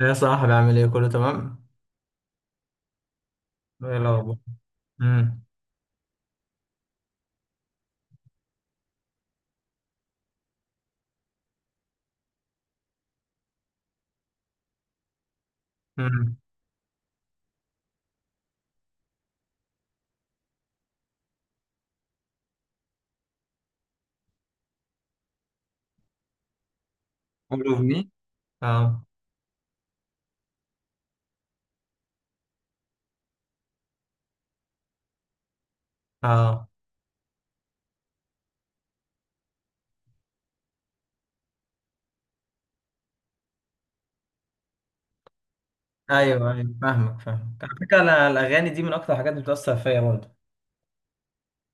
يا صاحبي، عامل ايه؟ كله تمام. ايه الاخبار؟ امم. امم. All of me. اه. اه. ايوه، ايوه، فاهمك فاهمك، على فكره انا الاغاني دي من اكتر الحاجات اللي بتاثر فيا برضه.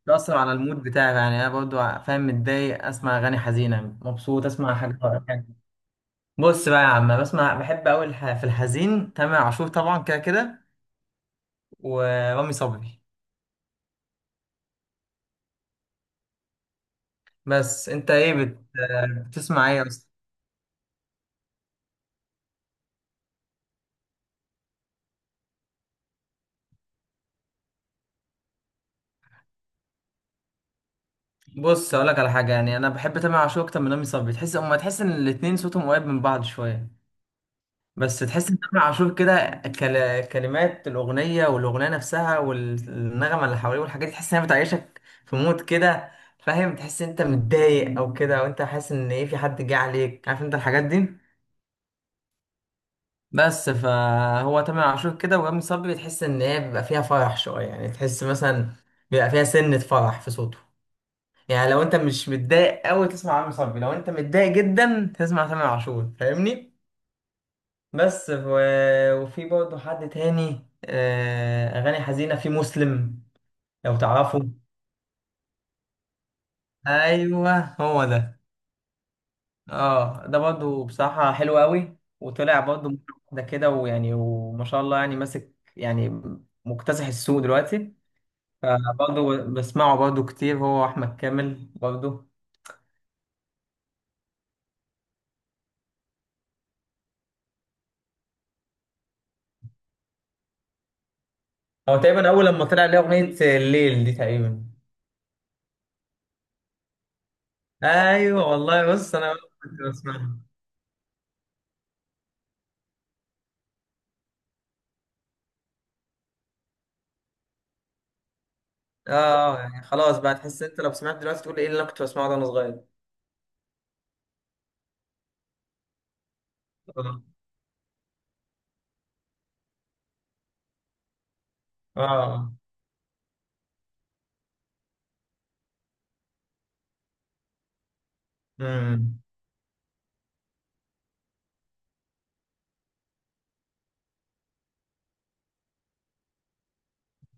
بتاثر على المود بتاعي، يعني انا برضه فاهم، متضايق اسمع اغاني حزينه، مبسوط اسمع حاجة. بص بقى يا عم، أنا بسمع، بحب قوي في الحزين تامر عاشور طبعا، كده كده. ورامي صبري. بس انت ايه بتسمع ايه؟ بص اقول لك على حاجه، يعني انا بحب تامر عاشور اكتر من رامي صبري. تحس، اما تحس ان الاتنين صوتهم قريب من بعض شويه، بس تحس ان تامر عاشور كده، كلمات الاغنيه والاغنيه نفسها والنغمه اللي حواليه والحاجات دي، تحس انها بتعيشك في مود كده. فاهم، تحس إن انت متضايق او كده، او انت حاسس ان ايه، في حد جه عليك، عارف انت الحاجات دي. بس فهو تامر عاشور كده، ورامي صبري تحس ان هي بيبقى فيها فرح شويه، يعني تحس مثلا بيبقى فيها سنه فرح في صوته. يعني لو انت مش متضايق قوي تسمع عمرو صبري، لو انت متضايق جدا تسمع تامر عاشور، فاهمني؟ بس وفي برضه حد تاني، اغاني حزينه، في مسلم، لو تعرفه. ايوه هو ده. اه ده برضه بصراحه حلو قوي، وطلع برضه مرة واحده كده، ويعني وما شاء الله يعني، ماسك يعني، مكتسح السوق دلوقتي. فبرضه بسمعه برضه كتير. هو احمد كامل برضه، هو تقريبا اول لما طلع ليه اغنيه الليل دي تقريبا. ايوه والله. بص انا كنت بسمعها. اه، يعني خلاص بقى، تحس انت لو سمعت دلوقتي تقول ايه اللي انا كنت بسمعه ده وانا صغير. اه، اه. امم.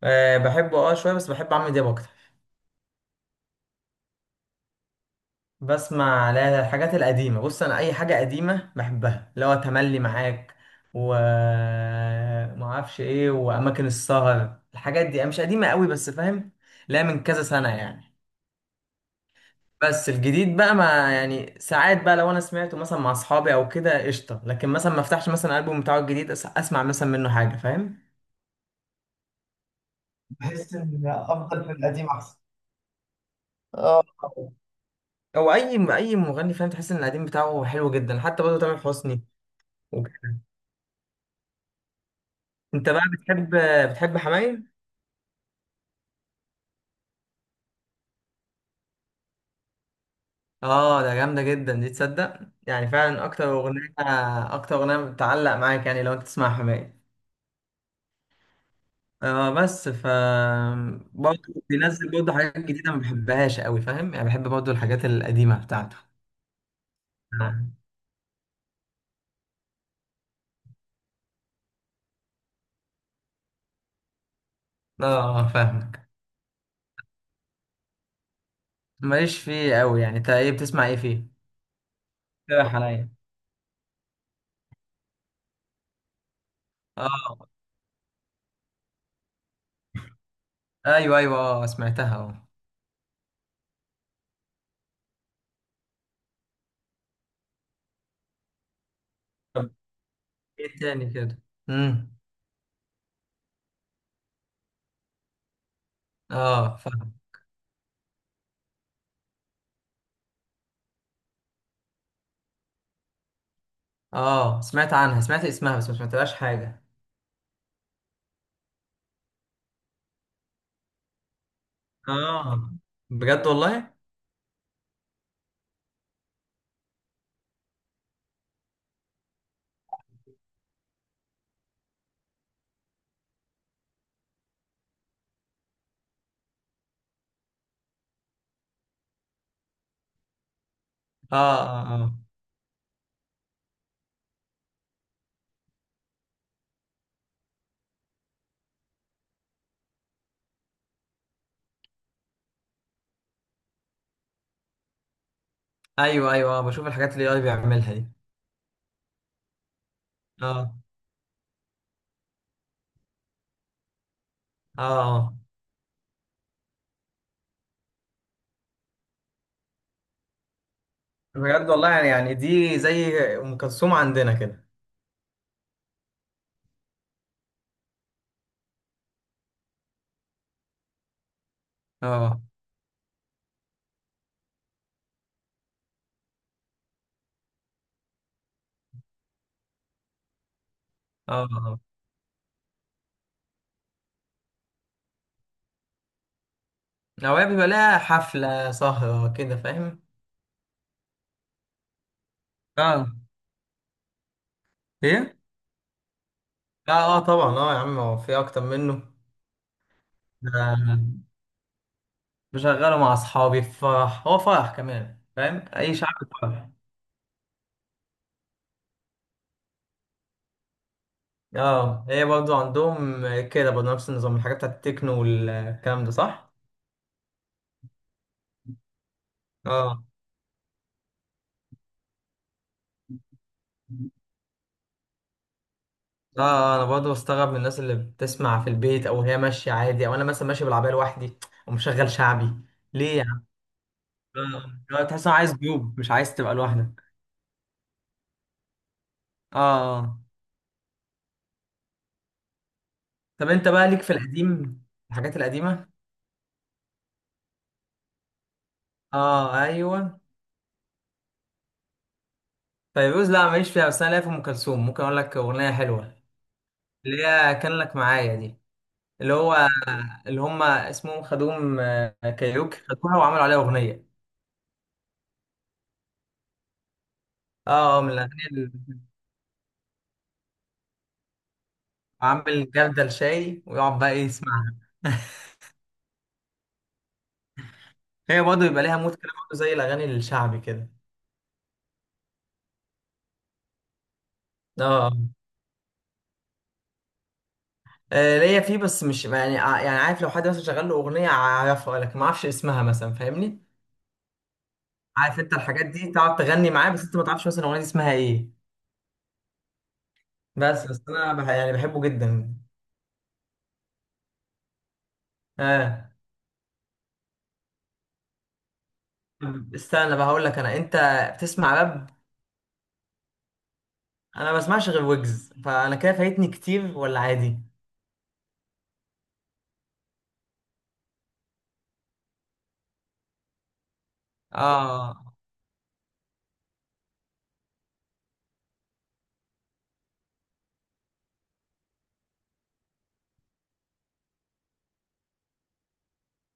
آه، بحبه شويه، بس بحب عمرو دياب اكتر. بسمع، لا لا، الحاجات القديمه. بص انا اي حاجه قديمه بحبها، اللي هو تملي معاك و ما اعرفش ايه، واماكن السهر، الحاجات دي مش قديمه قوي بس، فاهم. لا، من كذا سنه يعني. بس الجديد بقى ما، يعني ساعات بقى لو انا سمعته مثلا مع اصحابي او كده، قشطه. لكن مثلا ما افتحش مثلا الالبوم بتاعه الجديد، اسمع مثلا منه حاجه، فاهم. بحس ان افضل من القديم احسن. اه، او اي مغني، فاهم، تحس ان القديم بتاعه حلو جدا، حتى برضه تامر حسني. وكده. انت بقى بتحب، حماية؟ اه ده جامده جدا دي، تصدق يعني فعلا اكتر اغنيه بتعلق معاك، يعني لو انت تسمع حماية. اه بس برضه بينزل برضه حاجات جديدة ما بحبهاش قوي، فاهم يعني، بحب برضه الحاجات القديمة بتاعته. اه، فاهمك. ماليش فيه قوي. يعني انت ايه بتسمع ايه فيه؟ اقترح عليا. اه، ايوه، ايوه. اه سمعتها، اه. طب ايه تاني كده؟ امم. اه فاهم. اه سمعت عنها، سمعت اسمها بس ما سمعتلهاش حاجة. اه. بجد والله؟ اه، اه، اه، ايوه، ايوه، بشوف الحاجات اللي اي بيعملها دي. اه، اه، اه. بجد والله، يعني دي زي ام كلثوم عندنا كده. اه، اه، اه. اوقات بيبقى لها حفله سهره كده، فاهم. آه. ايه؟ لا اه، طبعا اه يا عم، هو في اكتر منه. ده آه. بشغله مع اصحابي في فرح، هو فرح كمان، فاهم، اي شعب فرح. اه، هي برضو عندهم كده برضو، نفس النظام، الحاجات بتاعت التكنو والكلام ده، صح. اه، اه. انا برضه بستغرب من الناس اللي بتسمع في البيت او هي ماشيه عادي، او انا مثلا ماشي بالعربيه لوحدي ومشغل شعبي. ليه يا عم؟ آه، آه، تحس إن عايز جروب، مش عايز تبقى لوحدك. اه. آه. طب انت بقى ليك في القديم، الحاجات القديمه؟ اه، ايوه. فيروز لا ماليش فيها، بس انا ليا في ام كلثوم، ممكن اقول لك اغنيه حلوه، اللي هي كان لك معايا دي، اللي هو اللي هم اسمهم خدوم، كايروكي، خدوها وعملوا عليها اغنيه. اه، من الاغاني اللي عامل جردل شاي ويقعد بقى ايه يسمعها. هي برضه بيبقى ليها مود كده برضه، زي الاغاني الشعبي كده. اه، ليا فيه، بس مش يعني، يعني عارف لو حد مثلا شغال له اغنيه اعرفها لكن ما اعرفش اسمها مثلا، فاهمني؟ عارف انت الحاجات دي، تقعد تغني معاه بس انت ما تعرفش مثلا الاغنيه دي اسمها ايه. بس انا يعني بحبه جدا. اه. طب استنى بقى، هقول لك انا، انت بتسمع راب؟ انا ما بسمعش غير ويجز، فانا كده فايتني كتير ولا عادي؟ اه.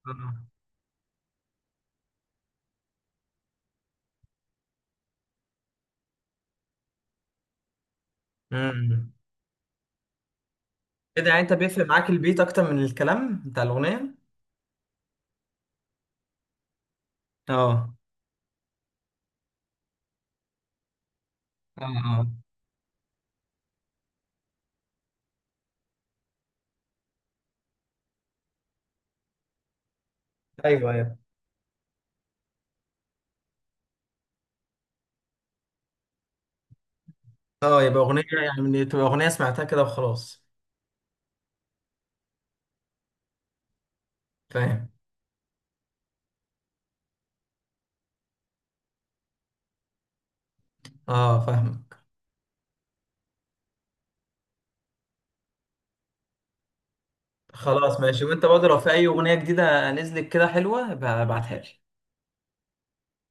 آه. امم. كده يعني انت بيفرق معاك البيت اكتر من الكلام بتاع الاغنيه؟ اه، اه، اه، ايوه، ايوه. اه يبقى اغنيه، يعني تبقى اغنيه سمعتها كده وخلاص، فاهم. اه، فاهمك. خلاص ماشي، وانت برضه لو في اي اغنيه جديده نزلت كده حلوه، ابعتها لي.